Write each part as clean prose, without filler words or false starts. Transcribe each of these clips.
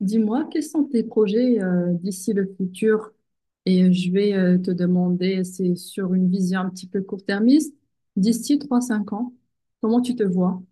Dis-moi, quels sont tes projets d'ici le futur? Et je vais te demander, c'est sur une vision un petit peu court-termiste, d'ici trois cinq ans, comment tu te vois?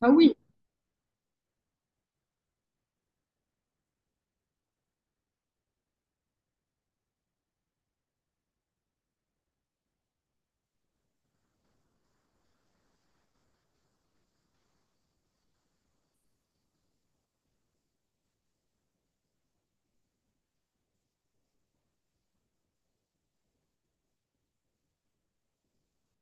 Ah oui.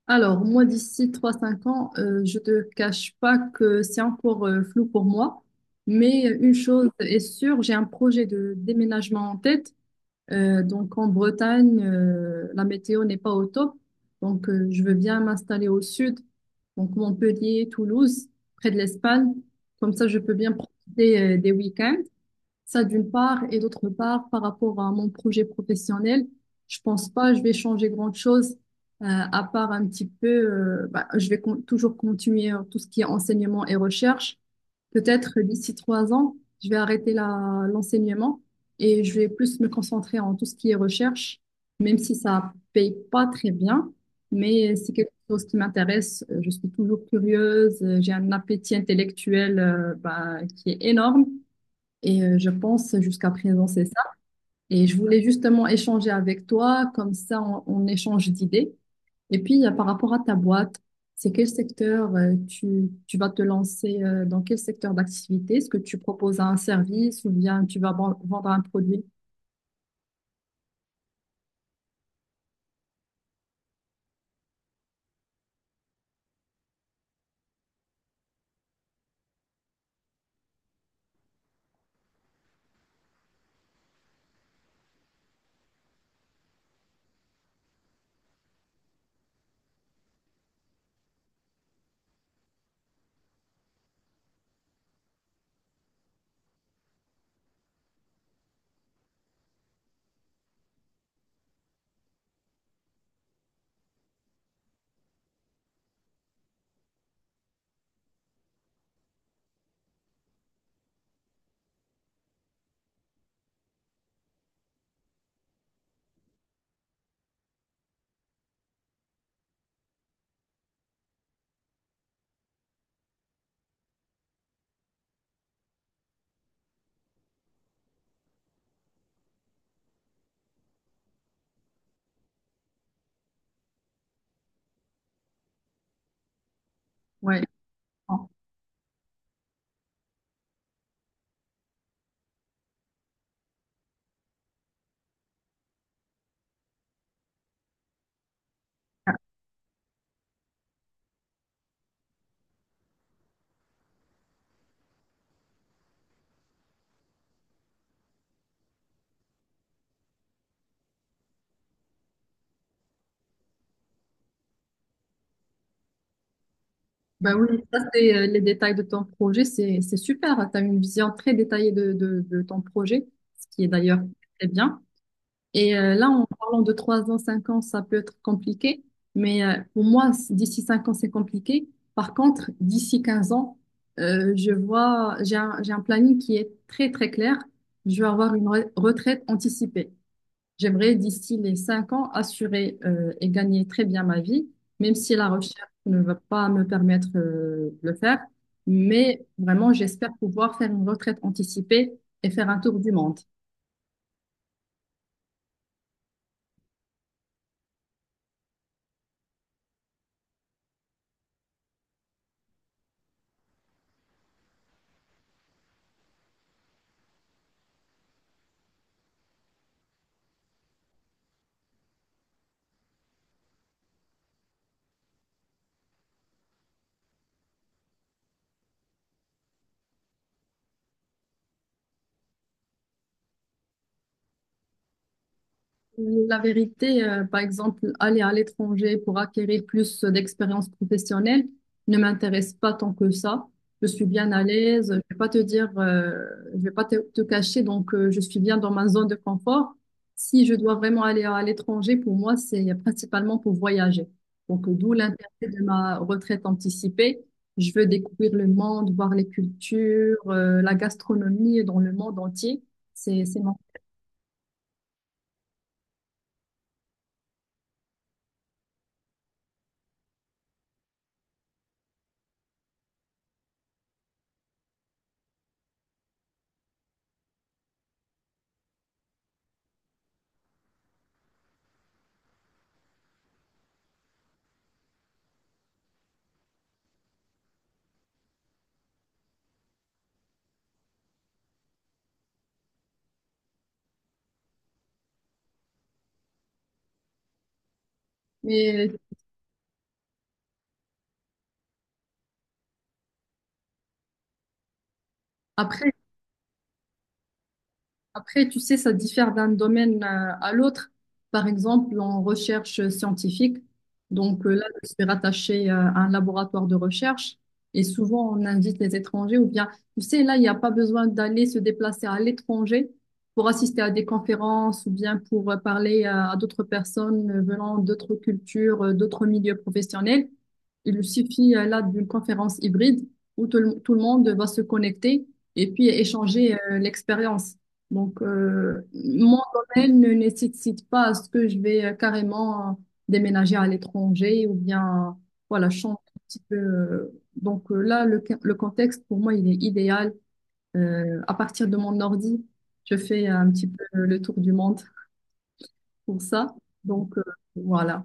Alors, moi, d'ici trois cinq ans, je te cache pas que c'est encore flou pour moi, mais une chose est sûre, j'ai un projet de déménagement en tête. Donc en Bretagne, la météo n'est pas au top. Donc je veux bien m'installer au sud, donc Montpellier, Toulouse, près de l'Espagne. Comme ça, je peux bien profiter des week-ends. Ça d'une part, et d'autre part, par rapport à mon projet professionnel, je pense pas je vais changer grand-chose, euh, à part un petit peu, bah, toujours continuer tout ce qui est enseignement et recherche. Peut-être d'ici trois ans, je vais arrêter l'enseignement et je vais plus me concentrer en tout ce qui est recherche, même si ça paye pas très bien, mais c'est quelque chose qui m'intéresse. Je suis toujours curieuse, j'ai un appétit intellectuel bah, qui est énorme et je pense jusqu'à présent c'est ça. Et je voulais justement échanger avec toi, comme ça on échange d'idées et puis, par rapport à ta boîte, c'est quel secteur tu vas te lancer dans quel secteur d'activité? Est-ce que tu proposes un service ou bien tu vas vendre un produit? Ouais. Ah. Ben oui, ça c'est les détails de ton projet, c'est super. Tu as une vision très détaillée de ton projet, ce qui est d'ailleurs très bien. Et là, en parlant de 3 ans, 5 ans, ça peut être compliqué. Mais pour moi, d'ici 5 ans, c'est compliqué. Par contre, d'ici 15 ans, je vois, j'ai un planning qui est très, très clair. Je vais avoir une retraite anticipée. J'aimerais, d'ici les 5 ans, assurer et gagner très bien ma vie, même si la recherche ne va pas me permettre de le faire. Mais vraiment, j'espère pouvoir faire une retraite anticipée et faire un tour du monde. La vérité, par exemple, aller à l'étranger pour acquérir plus d'expérience professionnelle ne m'intéresse pas tant que ça. Je suis bien à l'aise. Je vais pas te cacher. Donc, je suis bien dans ma zone de confort. Si je dois vraiment aller à l'étranger, pour moi, c'est principalement pour voyager. Donc, d'où l'intérêt de ma retraite anticipée. Je veux découvrir le monde, voir les cultures, la gastronomie dans le monde entier. C'est mon. Mais après. Après, tu sais, ça diffère d'un domaine à l'autre. Par exemple, en recherche scientifique, donc là, je suis rattachée à un laboratoire de recherche et souvent on invite les étrangers ou bien, tu sais, là, il n'y a pas besoin d'aller se déplacer à l'étranger pour assister à des conférences ou bien pour parler à d'autres personnes venant d'autres cultures, d'autres milieux professionnels. Il suffit là d'une conférence hybride où tout le monde va se connecter et puis échanger l'expérience. Donc, mon domaine ne nécessite pas à ce que je vais carrément déménager à l'étranger ou bien, voilà, changer un petit peu. Donc là, le contexte, pour moi, il est idéal. À partir de mon ordi, je fais un petit peu le tour du monde pour ça. Donc, voilà.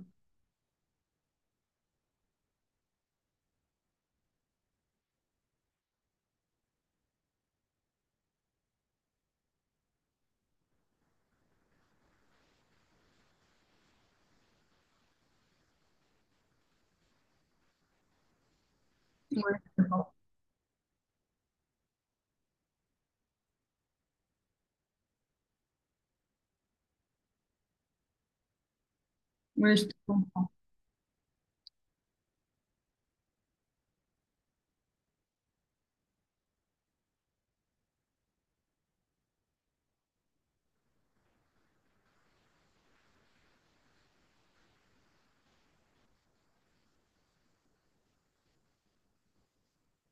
Ouais, je te comprends. Ouais, je te comprends.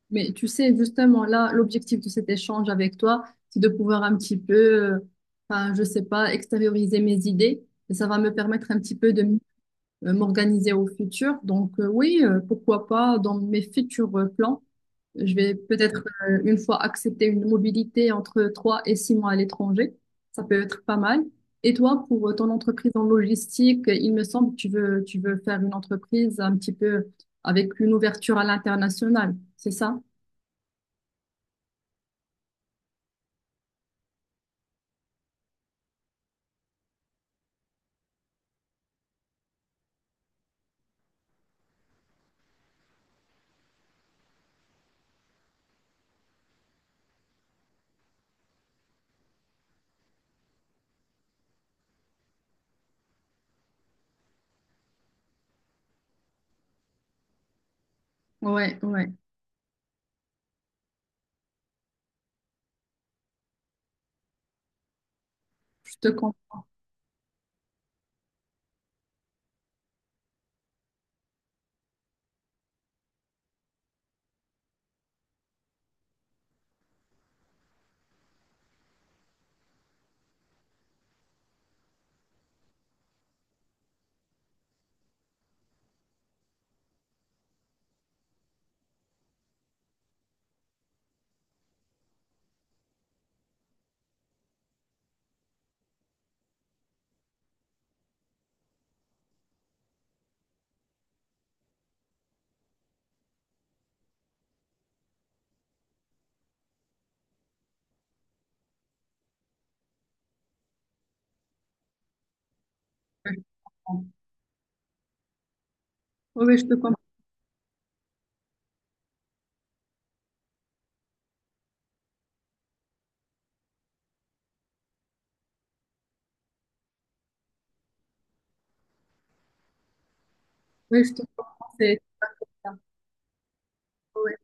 Mais tu sais, justement, là, l'objectif de cet échange avec toi, c'est de pouvoir un petit peu, euh, enfin, je sais pas, extérioriser mes idées. Et ça va me permettre un petit peu m'organiser au futur. Donc, oui, pourquoi pas, dans mes futurs plans, je vais peut-être, une fois accepter une mobilité entre trois et six mois à l'étranger. Ça peut être pas mal. Et toi, pour ton entreprise en logistique, il me semble que tu veux faire une entreprise un petit peu avec une ouverture à l'international, c'est ça? Ouais, ouais, je te comprends. Ouais, ouais, je te comprends. Ouais, je te comprends. C'est ça. Ouais.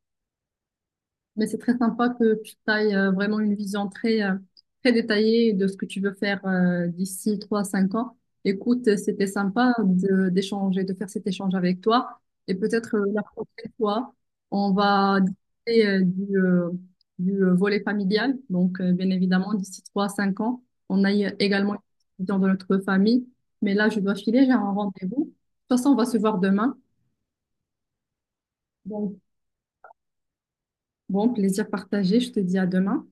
Mais c'est très sympa que tu ailles vraiment une vision très, très détaillée de ce que tu veux faire d'ici 3 cinq ans. Écoute, c'était sympa d'échanger, de faire cet échange avec toi. Et peut-être la prochaine fois, on va discuter du volet familial. Donc, bien évidemment, d'ici 3 cinq ans, on aille également dans notre famille. Mais là, je dois filer, j'ai un rendez-vous. De toute façon, on va se voir demain. Donc, bon, plaisir partagé. Je te dis à demain.